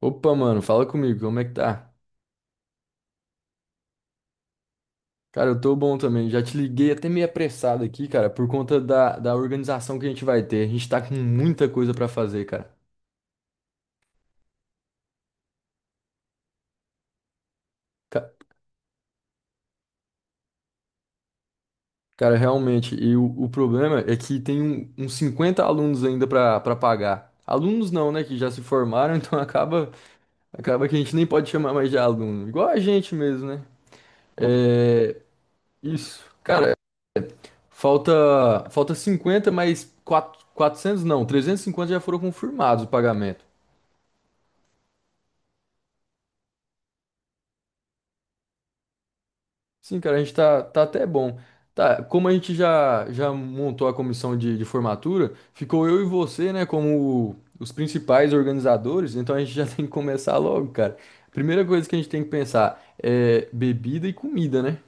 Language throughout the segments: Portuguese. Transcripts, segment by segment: Opa, mano, fala comigo, como é que tá? Cara, eu tô bom também. Já te liguei até meio apressado aqui, cara, por conta da organização que a gente vai ter. A gente tá com muita coisa pra fazer, cara. Ca- Cara, realmente, e o problema é que tem uns 50 alunos ainda pra pagar. Alunos não, né, que já se formaram, então acaba que a gente nem pode chamar mais de aluno. Igual a gente mesmo, né? É, isso. Cara, falta 50, mas quatrocentos não, 350 já foram confirmados o pagamento. Sim, cara, a gente tá até bom. Tá, como a gente já montou a comissão de formatura, ficou eu e você, né, como os principais organizadores, então a gente já tem que começar logo, cara. Primeira coisa que a gente tem que pensar é bebida e comida, né?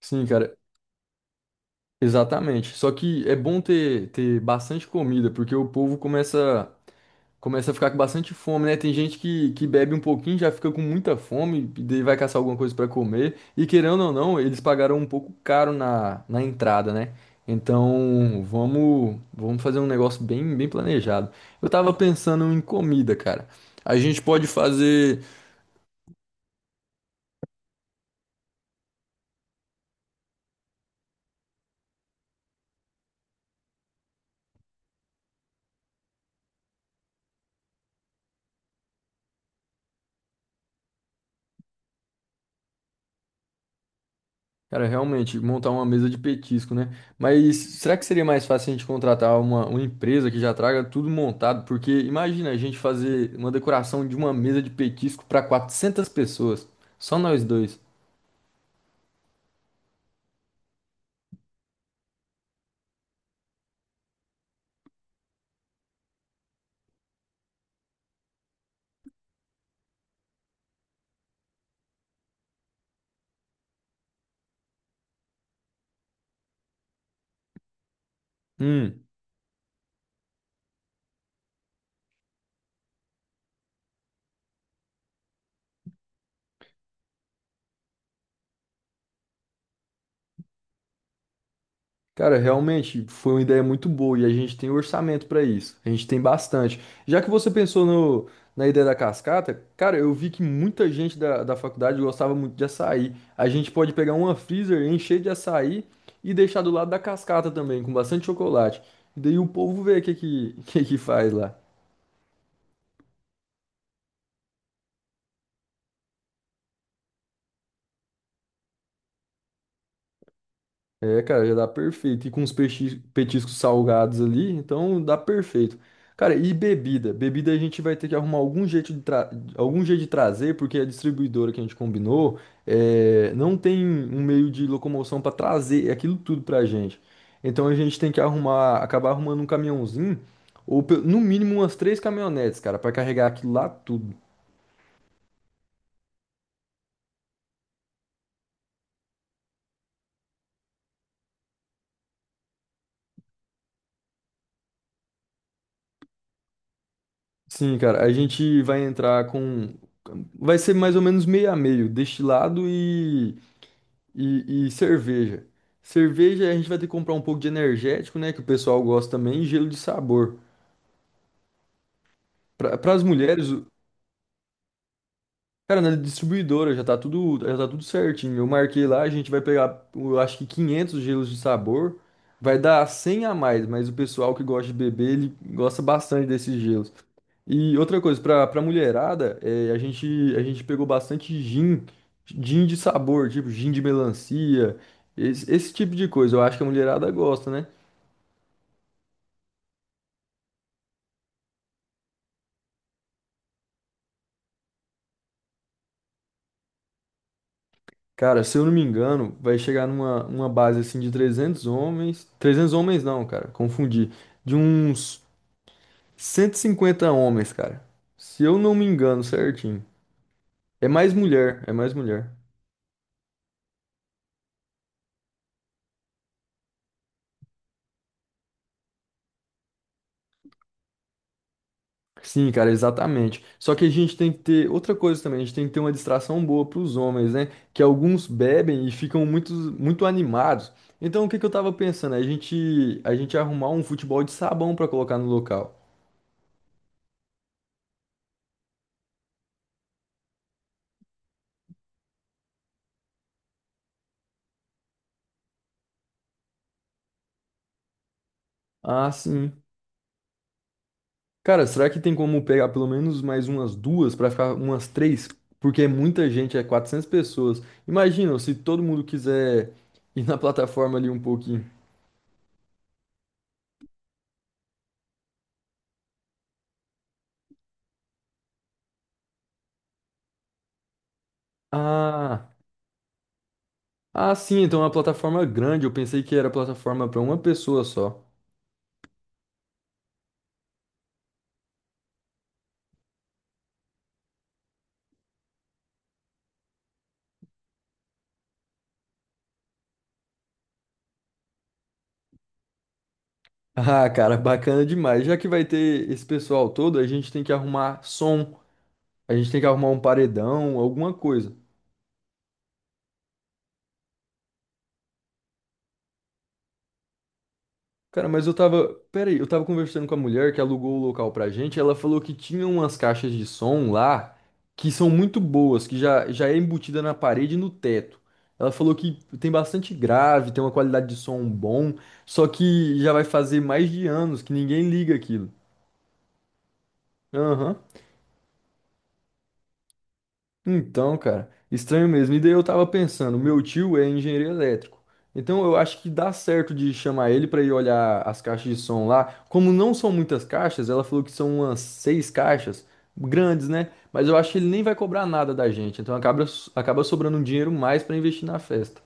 Sim, cara, exatamente. Só que é bom ter bastante comida, porque o povo começa a ficar com bastante fome, né? Tem gente que bebe um pouquinho, já fica com muita fome, e daí vai caçar alguma coisa pra comer. E querendo ou não, eles pagaram um pouco caro na entrada, né? Então, vamos fazer um negócio bem planejado. Eu tava pensando em comida, cara. A gente pode fazer. Cara, realmente, montar uma mesa de petisco, né? Mas será que seria mais fácil a gente contratar uma empresa que já traga tudo montado? Porque imagina a gente fazer uma decoração de uma mesa de petisco para 400 pessoas, só nós dois. Hum. Cara, realmente foi uma ideia muito boa e a gente tem orçamento para isso. A gente tem bastante. Já que você pensou no, na ideia da cascata, cara, eu vi que muita gente da faculdade gostava muito de açaí. A gente pode pegar uma freezer, encher de açaí e deixar do lado da cascata também, com bastante chocolate. E daí o povo vê o que faz lá. É, cara, já dá perfeito. E com os petiscos salgados ali, então dá perfeito. Cara, e bebida? Bebida a gente vai ter que arrumar algum jeito de, tra... algum jeito de trazer, porque a distribuidora que a gente combinou é, não tem um meio de locomoção para trazer aquilo tudo pra gente. Então a gente tem que arrumar, acabar arrumando um caminhãozinho, ou no mínimo umas três caminhonetes, cara, para carregar aquilo lá tudo. Sim, cara, a gente vai entrar com. Vai ser mais ou menos meio a meio, destilado e. E cerveja. Cerveja a gente vai ter que comprar um pouco de energético, né? Que o pessoal gosta também, e gelo de sabor. Para as mulheres, cara, na distribuidora já tá tudo certinho. Eu marquei lá, a gente vai pegar, eu acho que 500 gelos de sabor. Vai dar 100 a mais, mas o pessoal que gosta de beber, ele gosta bastante desses gelos. E outra coisa, para mulherada, é, a gente pegou bastante gin, gin de sabor, tipo gin de melancia, esse tipo de coisa. Eu acho que a mulherada gosta, né? Cara, se eu não me engano, vai chegar numa uma base assim de 300 homens. Trezentos homens não, cara, confundi. De uns 150 homens, cara. Se eu não me engano, certinho. É mais mulher, é mais mulher. Sim, cara, exatamente. Só que a gente tem que ter outra coisa também, a gente tem que ter uma distração boa para os homens, né? Que alguns bebem e ficam muito animados. Então, o que que eu tava pensando? A gente arrumar um futebol de sabão para colocar no local. Ah, sim. Cara, será que tem como pegar pelo menos mais umas duas pra ficar umas três? Porque é muita gente, é 400 pessoas. Imagina se todo mundo quiser ir na plataforma ali um pouquinho. Ah, ah, sim, então é uma plataforma grande. Eu pensei que era plataforma pra uma pessoa só. Ah, cara, bacana demais. Já que vai ter esse pessoal todo, a gente tem que arrumar som, a gente tem que arrumar um paredão, alguma coisa. Cara, mas eu tava. Pera aí, eu tava conversando com a mulher que alugou o local pra gente. Ela falou que tinha umas caixas de som lá que são muito boas, que já é embutida na parede e no teto. Ela falou que tem bastante grave, tem uma qualidade de som bom, só que já vai fazer mais de anos que ninguém liga aquilo. Aham. Então, cara, estranho mesmo. E daí eu tava pensando, meu tio é engenheiro elétrico. Então eu acho que dá certo de chamar ele pra ir olhar as caixas de som lá. Como não são muitas caixas, ela falou que são umas seis caixas grandes, né? Mas eu acho que ele nem vai cobrar nada da gente. Então acaba sobrando um dinheiro mais pra investir na festa.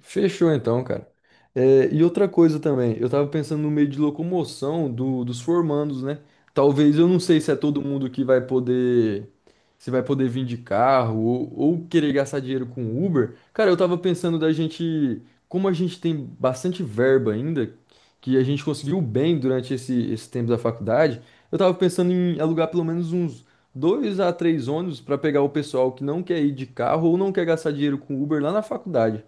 Fechou então, cara. É, e outra coisa também, eu tava pensando no meio de locomoção dos formandos, né? Talvez eu não sei se é todo mundo que vai poder, se vai poder vir de carro ou querer gastar dinheiro com Uber. Cara, eu tava pensando da gente, como a gente tem bastante verba ainda, que a gente conseguiu bem durante esse tempo da faculdade, eu tava pensando em alugar pelo menos uns dois a três ônibus pra pegar o pessoal que não quer ir de carro ou não quer gastar dinheiro com Uber lá na faculdade.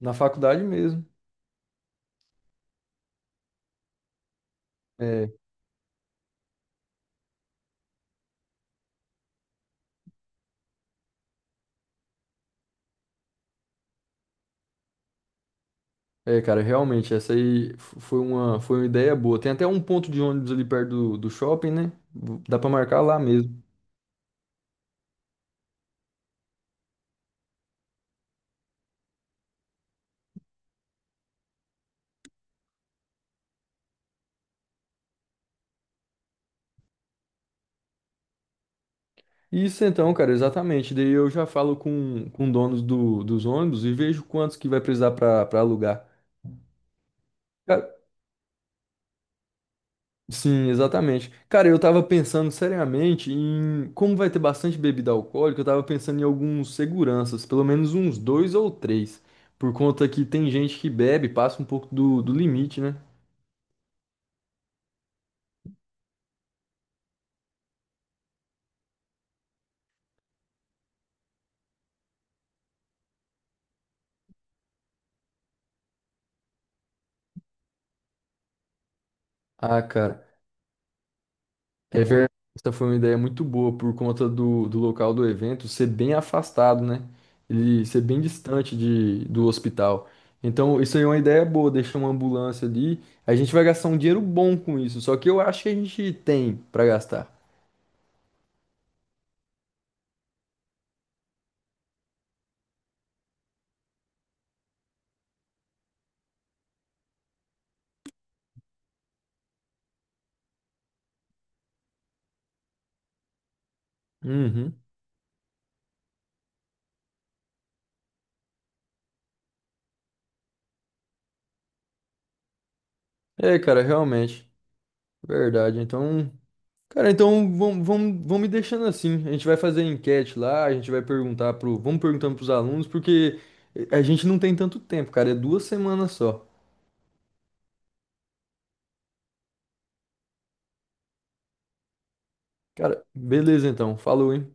Na faculdade mesmo. É, é, cara, realmente, essa aí foi uma ideia boa. Tem até um ponto de ônibus ali perto do shopping, né? Dá pra marcar lá mesmo. Isso então, cara, exatamente. Daí eu já falo com donos dos ônibus e vejo quantos que vai precisar pra alugar. Cara, sim, exatamente. Cara, eu tava pensando seriamente em como vai ter bastante bebida alcoólica, eu tava pensando em alguns seguranças, pelo menos uns dois ou três, por conta que tem gente que bebe, passa um pouco do limite, né? Ah, cara, é verdade. Essa foi uma ideia muito boa por conta do local do evento ser bem afastado, né? Ele ser bem distante do hospital. Então, isso aí é uma ideia boa, deixar uma ambulância ali. A gente vai gastar um dinheiro bom com isso, só que eu acho que a gente tem pra gastar. Uhum. É, cara, realmente. Verdade. Então, cara, então vamos me deixando assim. A gente vai fazer enquete lá, a gente vai perguntar pro, vamos perguntando pros alunos, porque a gente não tem tanto tempo, cara, é duas semanas só. Cara, beleza então. Falou, hein?